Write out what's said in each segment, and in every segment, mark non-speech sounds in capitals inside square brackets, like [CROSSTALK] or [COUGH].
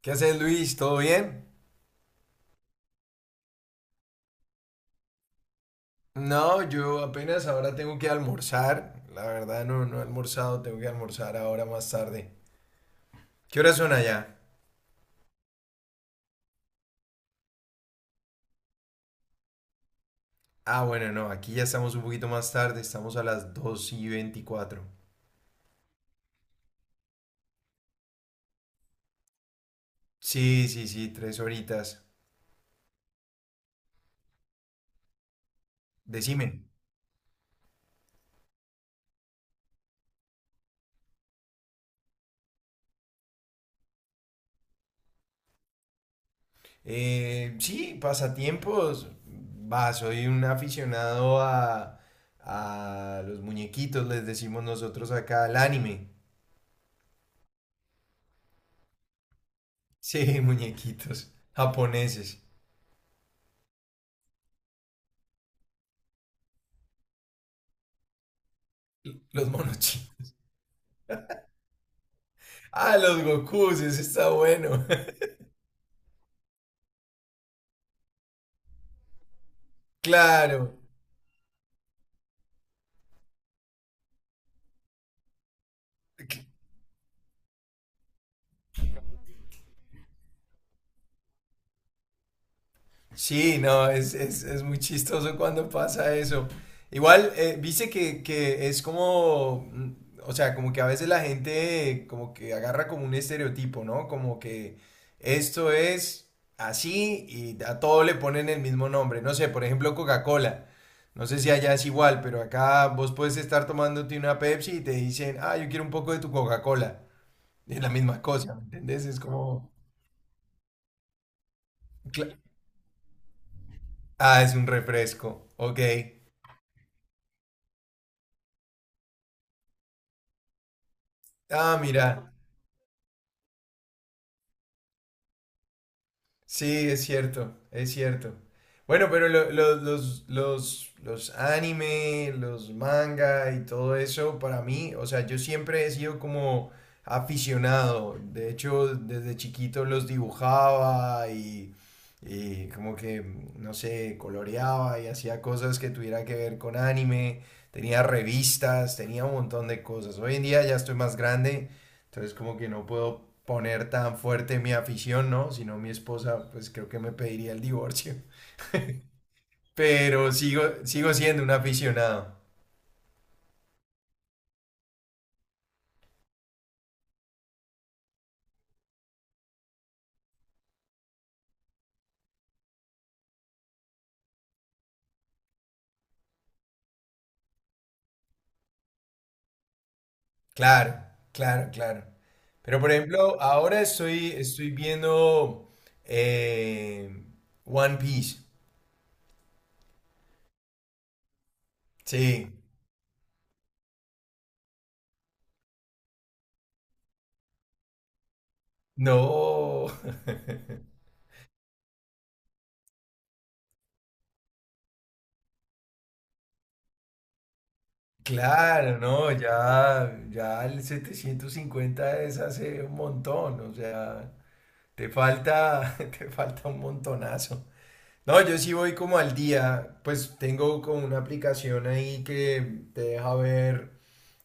¿Qué haces, Luis? ¿Todo bien? No, yo apenas ahora tengo que almorzar. La verdad no, no he almorzado, tengo que almorzar ahora más tarde. ¿Qué horas son allá? Ah, bueno, no, aquí ya estamos un poquito más tarde, estamos a las 2:24. Sí, sí, sí, tres horitas. Decime. Sí, pasatiempos. Va, soy un aficionado a los muñequitos, les decimos nosotros acá, al anime. Sí, [LAUGHS] muñequitos japoneses, los monos chinos. Ah, los Gokus, eso está bueno. [LAUGHS] Claro. Sí, no, es muy chistoso cuando pasa eso. Igual, viste que es como, o sea, como que a veces la gente como que agarra como un estereotipo, ¿no? Como que esto es así y a todo le ponen el mismo nombre. No sé, por ejemplo, Coca-Cola. No sé si allá es igual, pero acá vos puedes estar tomándote una Pepsi y te dicen, ah, yo quiero un poco de tu Coca-Cola. Es la misma cosa, ¿me entendés? Cla- Ah, es un refresco. Ok. Ah, mira. Sí, es cierto, es cierto. Bueno, pero los anime, los manga y todo eso, para mí, o sea, yo siempre he sido como aficionado. De hecho, desde chiquito los dibujaba y como que, no sé, coloreaba y hacía cosas que tuvieran que ver con anime. Tenía revistas, tenía un montón de cosas. Hoy en día ya estoy más grande. Entonces como que no puedo poner tan fuerte mi afición, ¿no? Si no mi esposa, pues creo que me pediría el divorcio. Pero sigo siendo un aficionado. Claro, claro, claro. Pero por ejemplo, ahora estoy viendo eh, One Piece. Sí. No. [LAUGHS] Claro, no, ya el 750 es hace un montón, o sea, te falta, [LAUGHS] te falta un montonazo. No, yo sí voy como al día, pues tengo como una aplicación ahí que te deja ver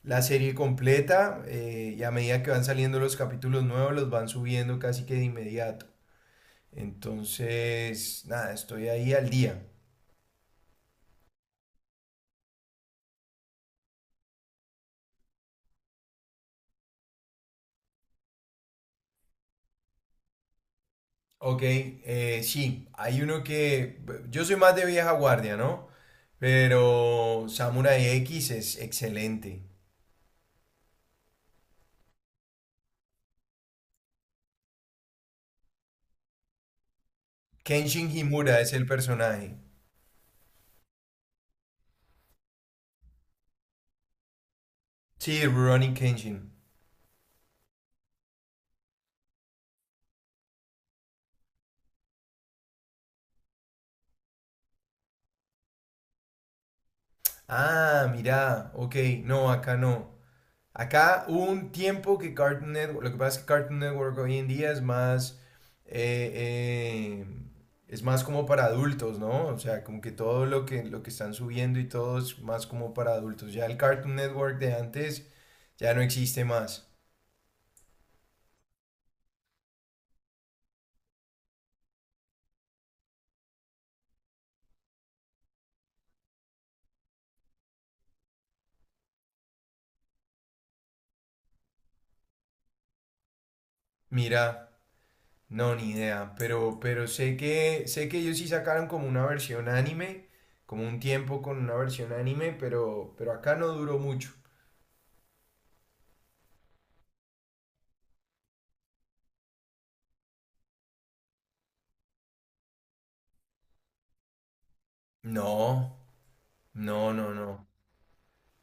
la serie completa y a medida que van saliendo los capítulos nuevos los van subiendo casi que de inmediato. Entonces, nada, estoy ahí al día. Ok, sí, hay uno que yo soy más de vieja guardia, ¿no? Pero Samurai X es excelente. Kenshin Himura es el personaje. Sí, Rurouni Kenshin. Ah, mirá, ok, no, acá no. Acá hubo un tiempo que Cartoon Network, lo que pasa es que Cartoon Network hoy en día eh, eh, es más como para adultos, ¿no? O sea, como que todo lo que están subiendo y todo es más como para adultos. Ya el Cartoon Network de antes ya no existe más. Mira, no, ni idea, pero sé que ellos sí sacaron como una versión anime, como un tiempo con una versión anime, pero acá no duró mucho. No. No, no, no.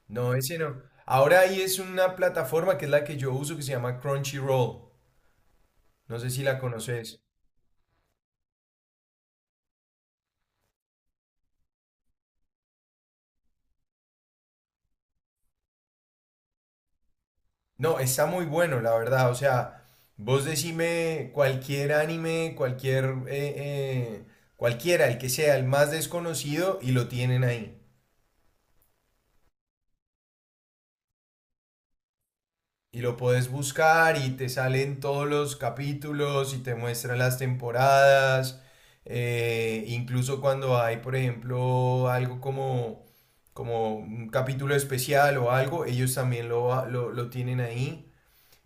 No, ese no. Ahora ahí es una plataforma que es la que yo uso que se llama Crunchyroll. No sé si la conoces. No, está muy bueno, la verdad. O sea, vos decime cualquier anime, cualquier, eh, cualquiera, el que sea, el más desconocido, y lo tienen ahí. Y lo puedes buscar y te salen todos los capítulos y te muestran las temporadas. Incluso cuando hay, por ejemplo, algo como, como un capítulo especial o algo, ellos también lo tienen ahí.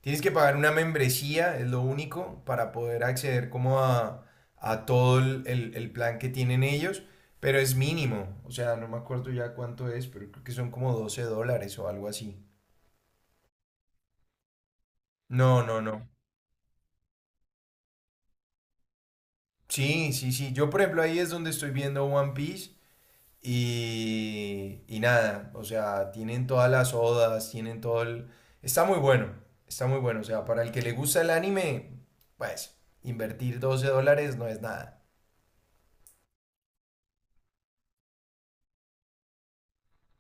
Tienes que pagar una membresía, es lo único, para poder acceder como a todo el plan que tienen ellos, pero es mínimo. O sea, no me acuerdo ya cuánto es, pero creo que son como $12 o algo así. No, no, no. Sí, sí, sí. Yo, por ejemplo, ahí es donde estoy viendo One Piece y nada, o sea, tienen todas las odas, tienen todo el... Está muy bueno, está muy bueno. O sea, para el que le gusta el anime, pues, invertir $12 no es nada.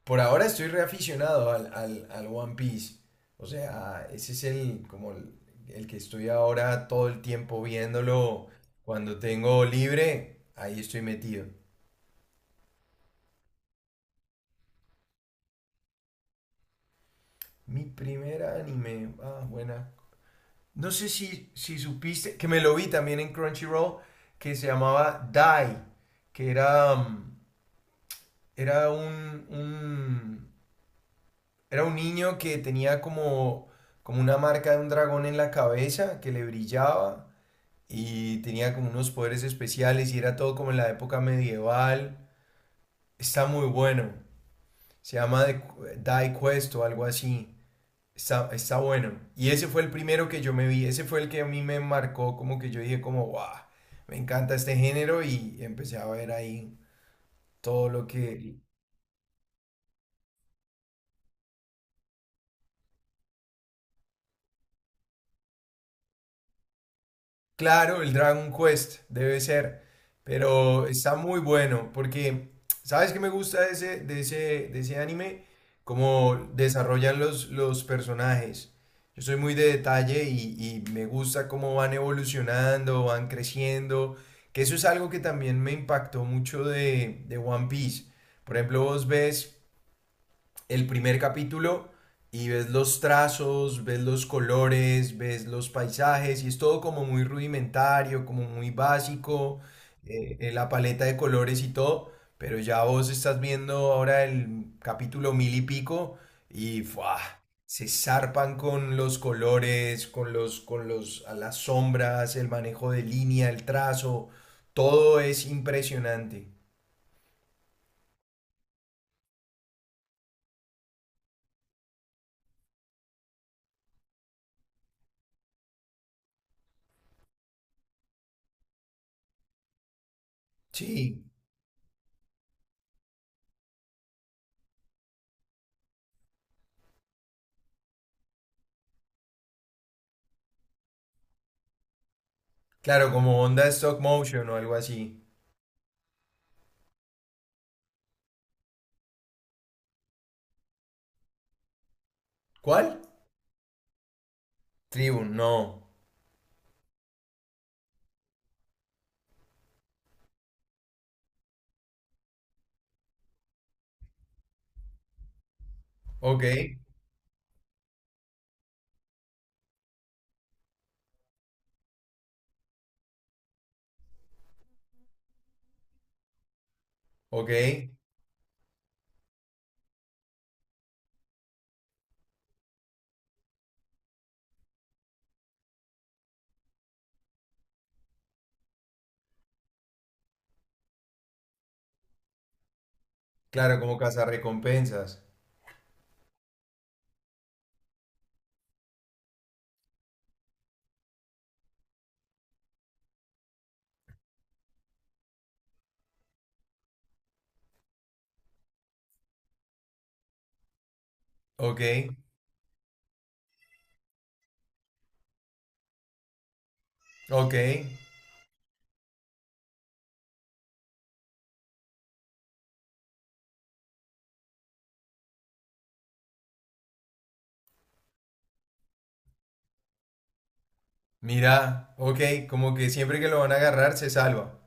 Por ahora estoy reaficionado al One Piece. O sea, ese es el, como el que estoy ahora todo el tiempo viéndolo. Cuando tengo libre, ahí estoy metido. Mi primer anime. Ah, buena. No sé si supiste, que me lo vi también en Crunchyroll, que se llamaba Die, que era, mm, era un- era un niño que tenía como, como una marca de un dragón en la cabeza que le brillaba y tenía como unos poderes especiales y era todo como en la época medieval. Está muy bueno. Se llama Die Quest o algo así. Está, está bueno. Y ese fue el primero que yo me vi, ese fue el que a mí me marcó, como que yo dije como, wow, me encanta este género y empecé a ver ahí todo lo que, Claro, el Dragon Quest debe ser, pero está muy bueno porque, ¿sabes qué me gusta de ese anime? Cómo desarrollan los personajes. Yo soy muy de detalle y me gusta cómo van evolucionando, van creciendo, que eso es algo que también me impactó mucho de One Piece. Por ejemplo, vos ves el primer capítulo y ves los trazos, ves los colores, ves los paisajes y es todo como muy rudimentario, como muy básico, la paleta de colores y todo, pero ya vos estás viendo ahora el capítulo mil y pico y ¡fua! Se zarpan con los colores, a las sombras, el manejo de línea, el trazo, todo es impresionante. Sí, claro, como onda stop motion o algo así. ¿Cuál? Tribu, no. Ok, ok. Claro, como recompensas. Ok, ok. Mira, ok, como que siempre que lo van a agarrar se salva.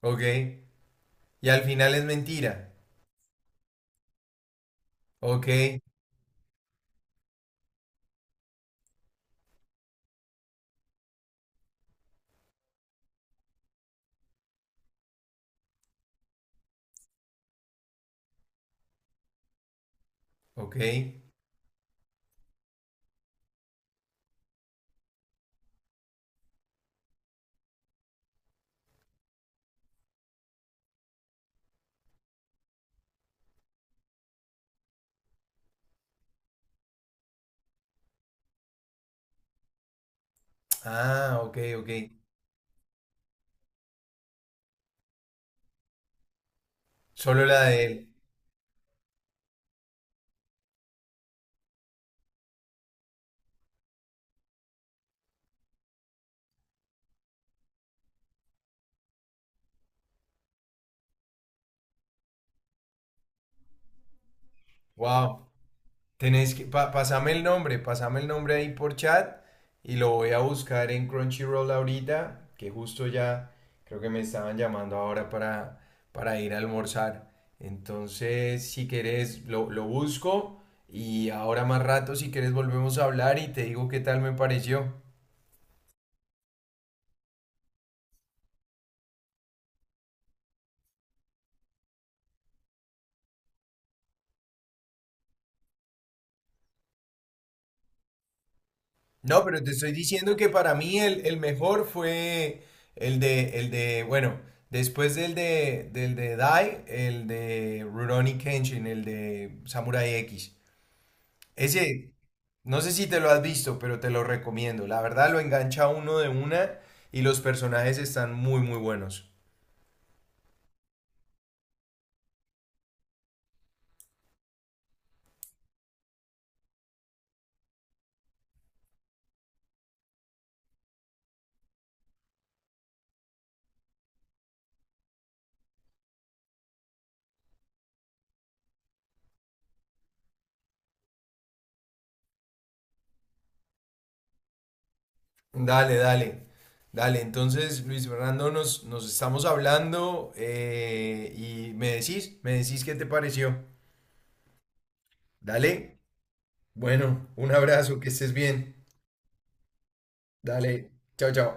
Ok. Y al final es mentira. Ok, ok. Ah, ok, ok. Solo la de él. Wow. Tenés que, pasame el nombre ahí por chat y lo voy a buscar en Crunchyroll ahorita, que justo ya creo que me estaban llamando ahora para ir a almorzar. Entonces, si querés, lo busco y ahora más rato, si querés, volvemos a hablar y te digo qué tal me pareció. No, pero te estoy diciendo que para mí el mejor fue el de, bueno, después del de Dai, el de Rurouni Kenshin, el de Samurai X. Ese, no sé si te lo has visto, pero te lo recomiendo. La verdad lo engancha a uno de una y los personajes están muy, muy buenos. Dale, dale. Dale, entonces Luis Fernando, nos estamos hablando y me decís qué te pareció. Dale. Bueno, un abrazo, que estés bien. Dale, chao, chao.